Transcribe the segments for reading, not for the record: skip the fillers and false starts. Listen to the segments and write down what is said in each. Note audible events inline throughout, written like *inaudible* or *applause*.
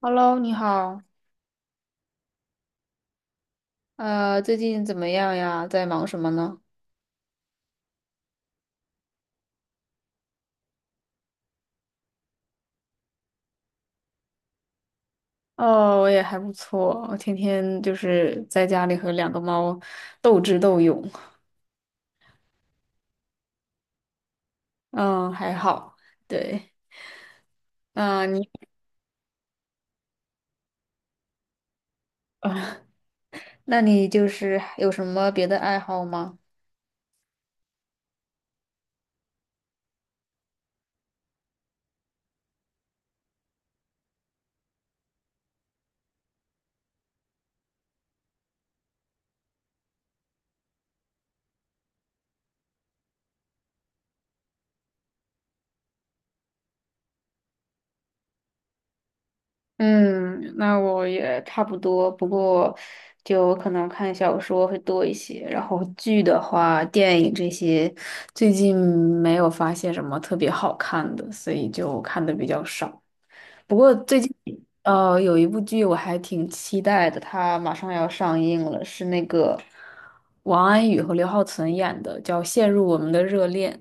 Hello，你好，最近怎么样呀？在忙什么呢？哦，我也还不错，我天天就是在家里和两个猫斗智斗勇。嗯，还好，对。嗯，你，*laughs* 那你就是有什么别的爱好吗？嗯，那我也差不多，不过就可能看小说会多一些，然后剧的话，电影这些最近没有发现什么特别好看的，所以就看的比较少。不过最近有一部剧我还挺期待的，它马上要上映了，是那个王安宇和刘浩存演的，叫《陷入我们的热恋》。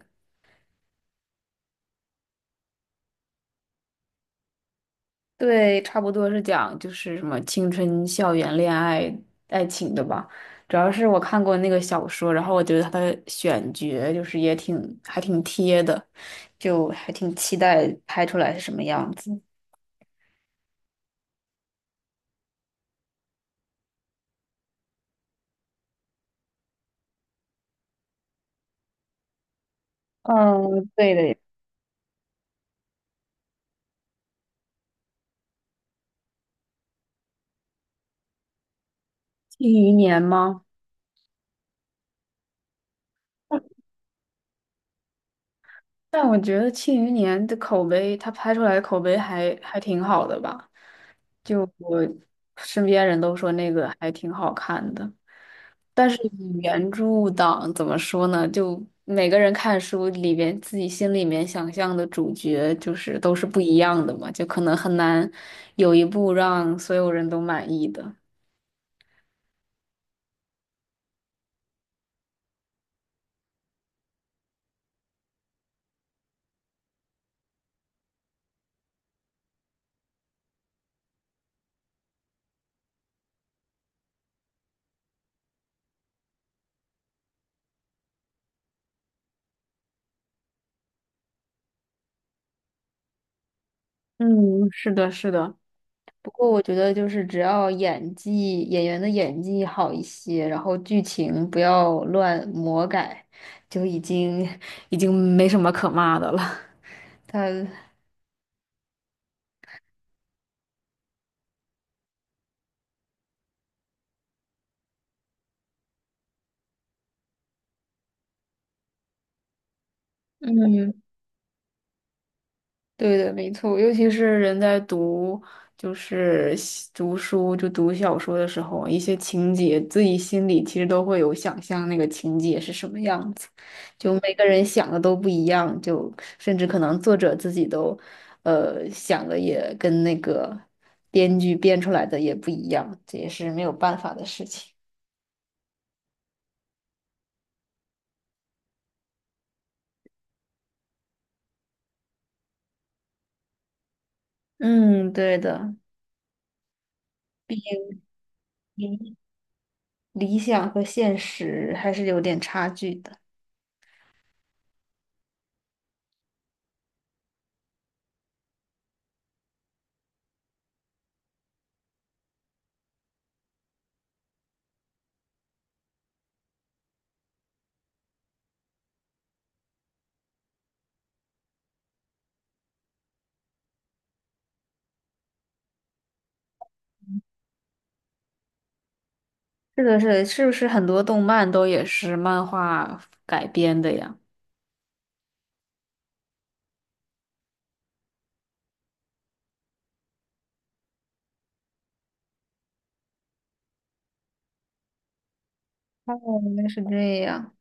对，差不多是讲就是什么青春校园恋爱爱情的吧。主要是我看过那个小说，然后我觉得它的选角就是也挺还挺贴的，就还挺期待拍出来是什么样子。嗯，对的，庆余年吗？但我觉得《庆余年》的口碑，它拍出来的口碑还挺好的吧？就我身边人都说那个还挺好看的，但是原著党怎么说呢？就每个人看书里边自己心里面想象的主角，就是都是不一样的嘛，就可能很难有一部让所有人都满意的。嗯，是的，是的。不过我觉得就是只要演技演员的演技好一些，然后剧情不要乱魔改，就已经没什么可骂的了。*laughs* 他嗯，对的，没错，尤其是人在读，就是写读书，就读小说的时候，一些情节自己心里其实都会有想象，那个情节是什么样子，就每个人想的都不一样，就甚至可能作者自己都，想的也跟那个编剧编出来的也不一样，这也是没有办法的事情。嗯，对的，理理想和现实还是有点差距的。是的，是的，是不是很多动漫都也是漫画改编的呀？哦，原来是这样。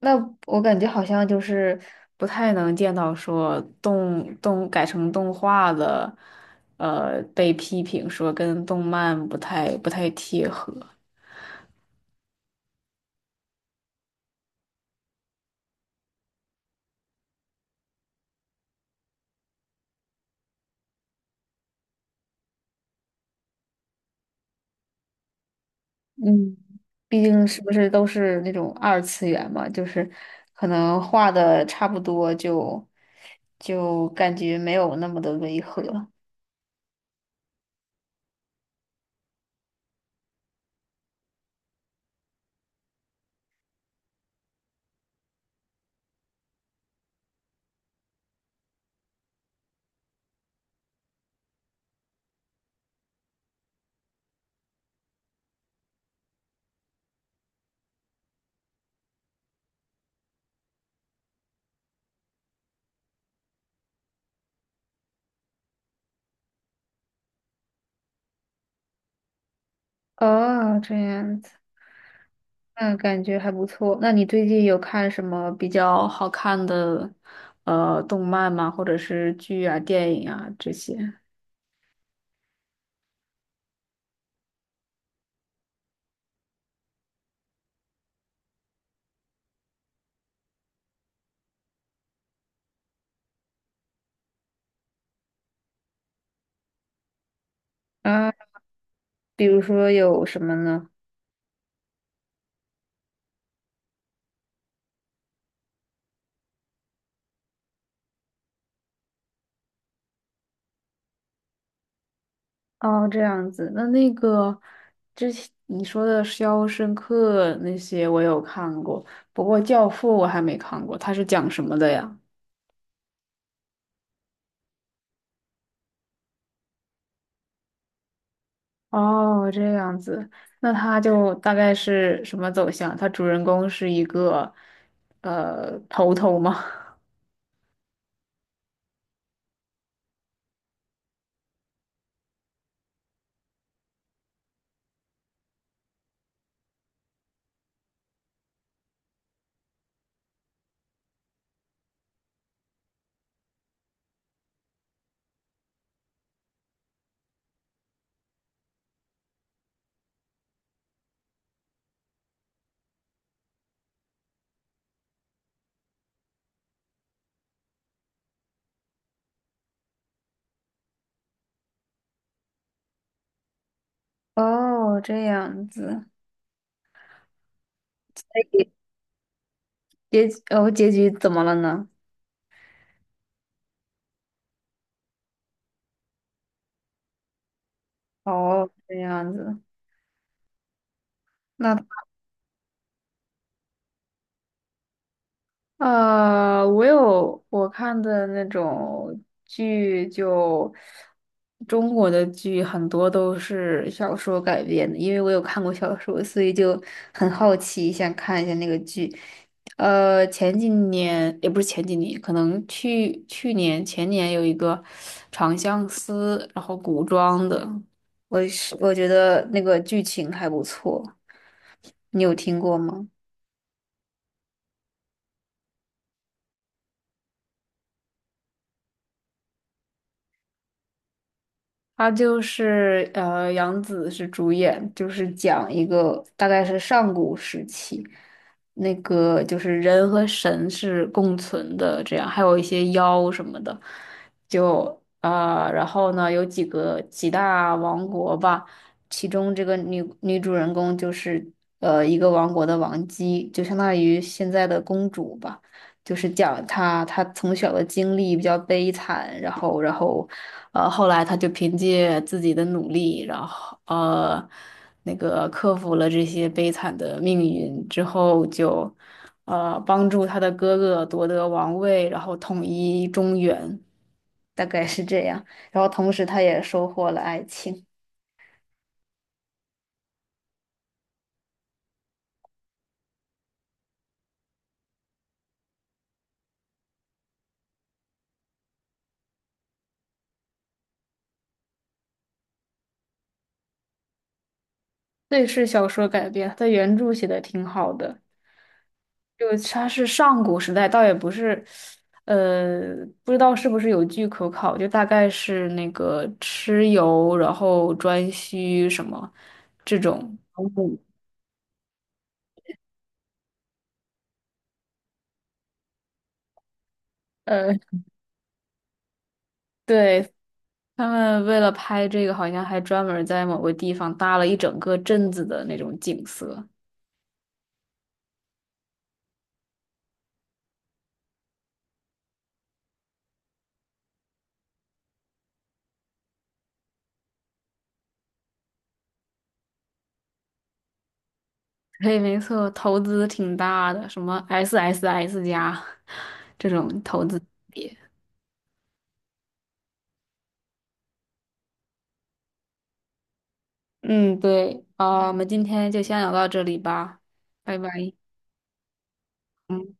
那我感觉好像就是不太能见到说动动改成动画的，被批评说跟动漫不太贴合。嗯，毕竟是不是都是那种二次元嘛，就是可能画的差不多就就感觉没有那么的违和。哦，这样子。嗯，感觉还不错。那你最近有看什么比较好看的动漫吗？或者是剧啊、电影啊这些？啊，比如说有什么呢？哦，这样子。那那个之前你说的《肖申克》那些我有看过，不过《教父》我还没看过，它是讲什么的呀？哦，这样子。那它就大概是什么走向？它主人公是一个头头吗？哦，这样子，哦，结局怎么了呢？哦，这样子。那我有我看的那种剧就，中国的剧很多都是小说改编的，因为我有看过小说，所以就很好奇，想看一下那个剧。前几年也不是前几年，可能去年前年有一个《长相思》，然后古装的，我是我觉得那个剧情还不错，你有听过吗？他就是杨紫是主演，就是讲一个大概是上古时期，那个就是人和神是共存的，这样还有一些妖什么的，就啊、然后呢有几个几大王国吧，其中这个女主人公就是一个王国的王姬，就相当于现在的公主吧。就是讲他从小的经历比较悲惨，然后然后后来他就凭借自己的努力，然后那个克服了这些悲惨的命运之后就，帮助他的哥哥夺得王位，然后统一中原，大概是这样。然后同时他也收获了爱情。对，是小说改编，他原著写的挺好的。就个它是上古时代，倒也不是，呃，不知道是不是有据可考，就大概是那个蚩尤，然后颛顼什么这种人 *laughs* 呃，对，他们为了拍这个，好像还专门在某个地方搭了一整个镇子的那种景色。*laughs* 对，没错，投资挺大的，什么 SSS 家 *laughs* 这种投资级别。嗯，对，啊，我们今天就先聊到这里吧，拜拜。嗯。